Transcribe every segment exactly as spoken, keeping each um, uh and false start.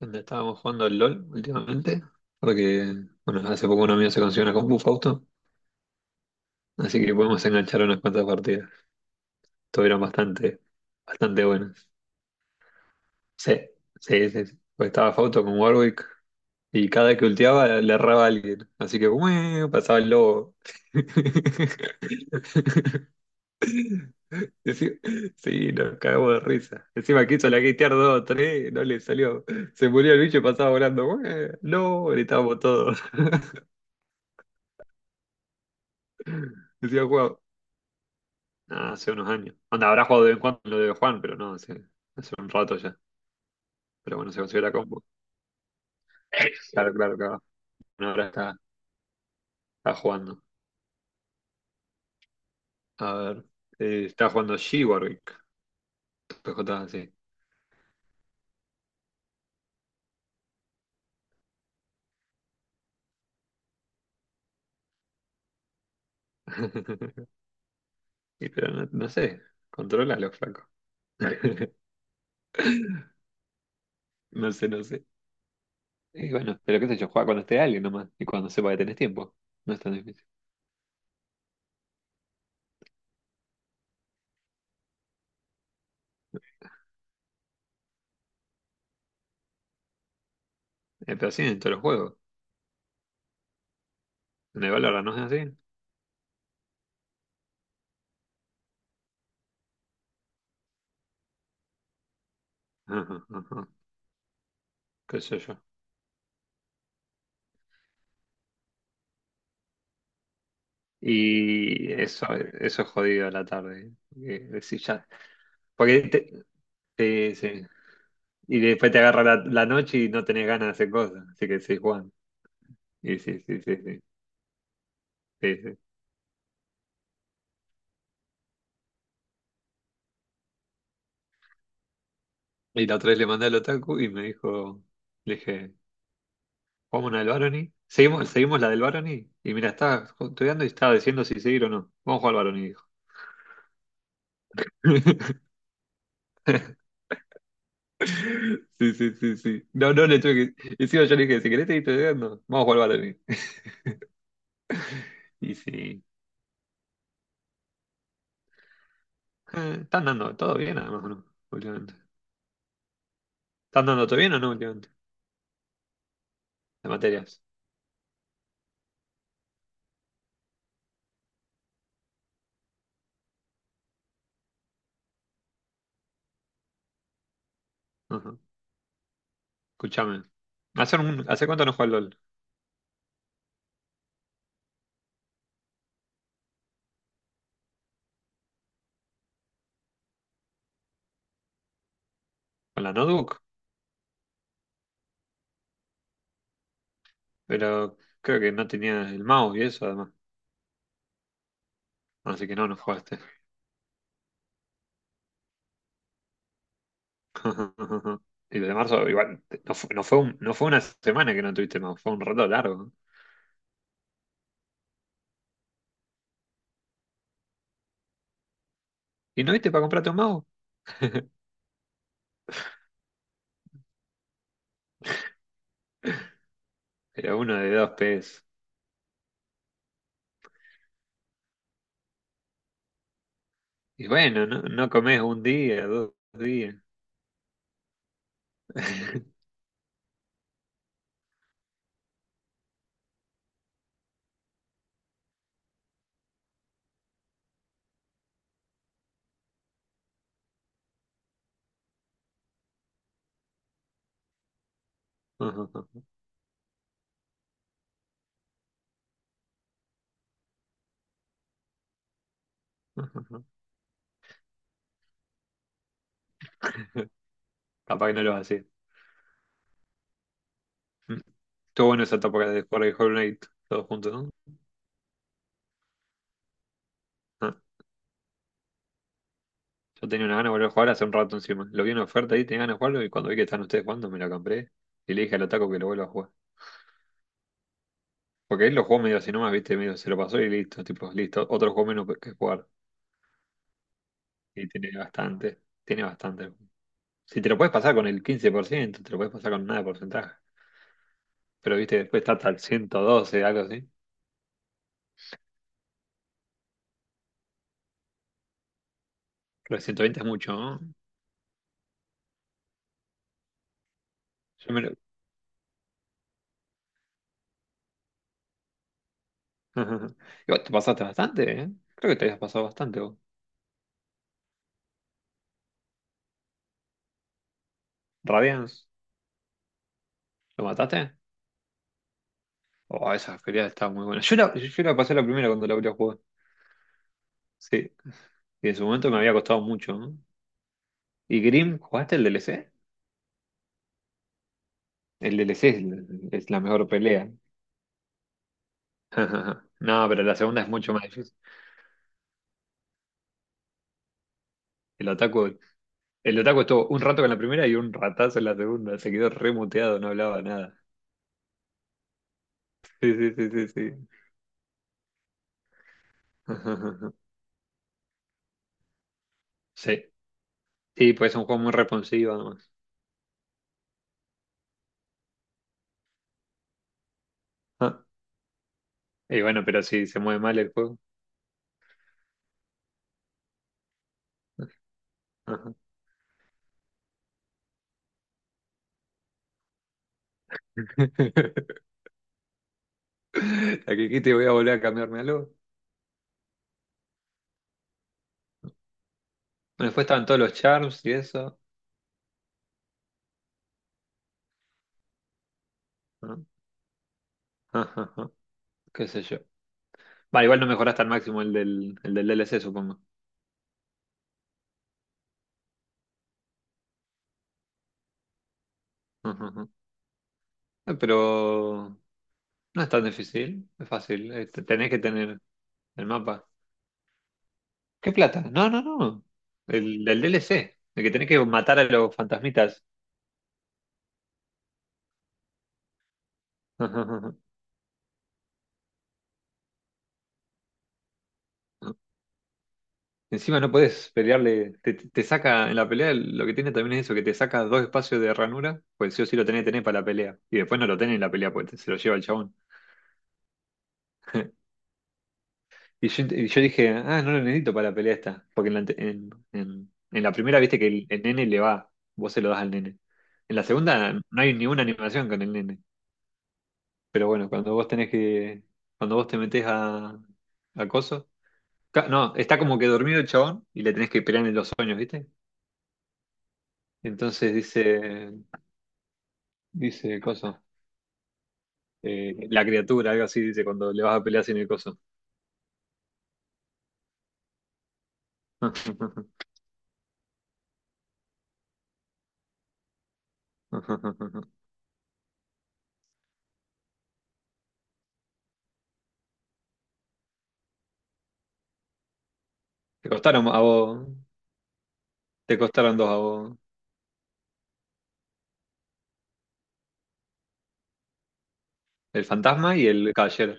Donde estábamos jugando al LOL últimamente, porque, bueno, hace poco un amigo se consiguió una compu Fausto, así que podemos enganchar unas cuantas partidas. Estuvieron bastante, bastante buenas. Sí, sí, sí. sí. Pues estaba Fausto con Warwick y cada que ultiaba le erraba a alguien, así que ¡ué! Pasaba el lobo. Sí, sí, nos cagamos de risa. Encima quiso la gatear dos o tres, no le salió. Se murió el bicho y pasaba volando. ¡Ué! ¡No! Gritábamos todos. Decía, nada, hace unos años. Onda, habrá jugado de vez en cuando lo de Juan, pero no, hace, hace un rato ya. Pero bueno, se consiguió la combo. Claro, claro, claro. Bueno, ahora está, está jugando. A ver. Eh, está jugando G Warwick. P J, sí. Y pero no, no sé. Controla los flacos. No sé, no sé. Y bueno, pero qué sé yo, juega cuando esté alguien nomás, y cuando sepa que tenés tiempo. No es tan difícil. Eh, pero así en todos los juegos. En el Valorant no es así. Ajá, ajá. Qué sé yo. Y eso, eso es jodido a la tarde. Porque, decís, ya, porque te- te- sí. Y después te agarra la, la noche y no tenés ganas de hacer cosas. Así que decís, Juan. Y sí, sí, sí, sí, sí, sí. Y la otra vez le mandé al otaku y me dijo, le dije, ¿vamos una del Barony? ¿Seguimos, seguimos la del Barony? Y mira, estaba estudiando y estaba diciendo si seguir o no. Vamos a jugar al Barony, dijo. Sí, sí, sí, sí. No, no le tuve que. Encima yo le dije, si querés seguir estudiando, vamos a jugar al Barony. Y sí. Eh, ¿están dando todo bien, además, o no? Últimamente. ¿Están dando todo bien o no últimamente? De materias. Ajá. Escúchame. ¿Hace, un- Hace cuánto no juego al LOL? Con la notebook, pero creo que no tenía el mouse y eso, además. Así que no, no jugaste. Y desde marzo, igual, no fue, no fue, un- no fue una semana que no tuviste mouse, fue un rato largo. ¿Y no viste para comprarte un mouse? Era uno de dos P S. Y bueno, no, no comes un día, dos días. Capaz que no lo hacía. Estuvo bueno esa etapa de jugar de Hollow Knight todos juntos, ¿no? Ah, yo tenía una gana de volver a jugar hace un rato encima. Lo vi en oferta ahí, tenía ganas de jugarlo y cuando vi que están ustedes jugando me lo compré y le dije al Otaku que lo vuelva a jugar. Porque él lo jugó medio así nomás, viste, medio se lo pasó y listo, tipo, listo, otro juego menos que jugar. Y tiene bastante, tiene bastante. Si te lo puedes pasar con el quince por ciento te lo puedes pasar con nada de porcentaje. Pero viste, después está hasta el ciento doce algo así. Pero el ciento veinte es mucho, ¿no? Yo me lo... Y vos te pasaste bastante, ¿eh? Creo que te habías pasado bastante vos. Radiance, ¿lo mataste? Oh, esa feria estaba muy buena. Yo la, yo la pasé la primera cuando la abrí a jugar. Sí. Y en su momento me había costado mucho, ¿no? ¿Y Grimm, jugaste el D L C? El D L C es, es la mejor pelea. No, pero la segunda es mucho más difícil. El Otaku, el Otaku estuvo un rato con la primera y un ratazo en la segunda. Se quedó remuteado, no hablaba nada. Sí, sí, sí, sí, sí. Sí, sí, pues es un juego muy responsivo además. Ah, y bueno, pero si se mueve mal el juego. Ajá. La que dijiste voy a volver a cambiarme algo. Bueno, después estaban todos los charms y eso. Ah, ajá, ajá, qué sé yo. Vale, igual no mejoraste al máximo el del, el del D L C, supongo. Ajá, ajá. Eh, Pero no es tan difícil, es fácil. Eh, te- Tenés que tener el mapa. ¿Qué plata? No, no, no. El del D L C, el que tenés que matar a los fantasmitas. Ajá, ajá, ajá. Encima no podés pelearle, te, te- te saca en la pelea, lo que tiene también es eso, que te saca dos espacios de ranura, pues sí o sí lo tenés que tener para la pelea. Y después no lo tenés en la pelea, pues te- se lo lleva el chabón. Y yo, y yo dije, ah, no lo necesito para la pelea esta. Porque en la, ante- en, en- en la primera viste que el, el nene le va, vos se lo das al nene. En la segunda no hay ninguna animación con el nene. Pero bueno, cuando vos tenés que. Cuando vos te metés a. A coso. ca- No, está como que dormido el chabón y le tenés que pelear en los sueños, ¿viste? Entonces dice. Dice coso. Eh, la criatura, algo así, dice cuando le vas a pelear sin el coso. Te costaron a vos. Te costaron dos a vos. El fantasma y el caballero,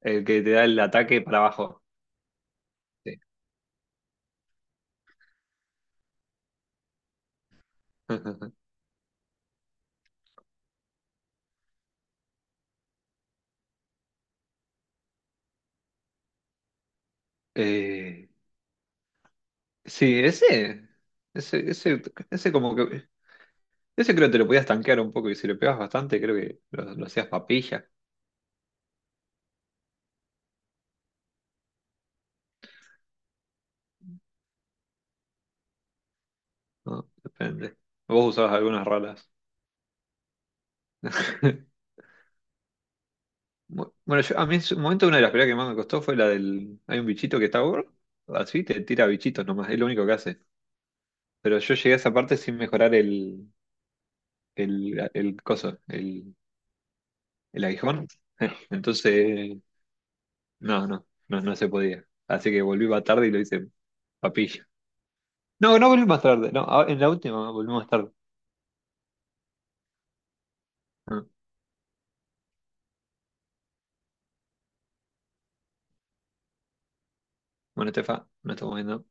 el que te da el ataque para abajo. Sí, eh, sí, ese, ese, ese, ese como que, ese creo que te lo podías tanquear un poco y si lo pegabas bastante creo que lo, lo hacías papilla, ¿no? Depende. Vos usabas algunas raras. Bu- Bueno, yo- a mí en su momento una de las peleas que más me costó fue la del... Hay un bichito que está gordo, así te tira bichitos nomás, es lo único que hace. Pero yo llegué a esa parte sin mejorar el, el, el coso, el el aguijón. Entonces, no, no, no, no se podía. Así que volví más tarde y lo hice papilla. No, no volví más tarde, no, ahora- en la última volví más tarde. Ah, bueno, Estefa, nos estamos viendo.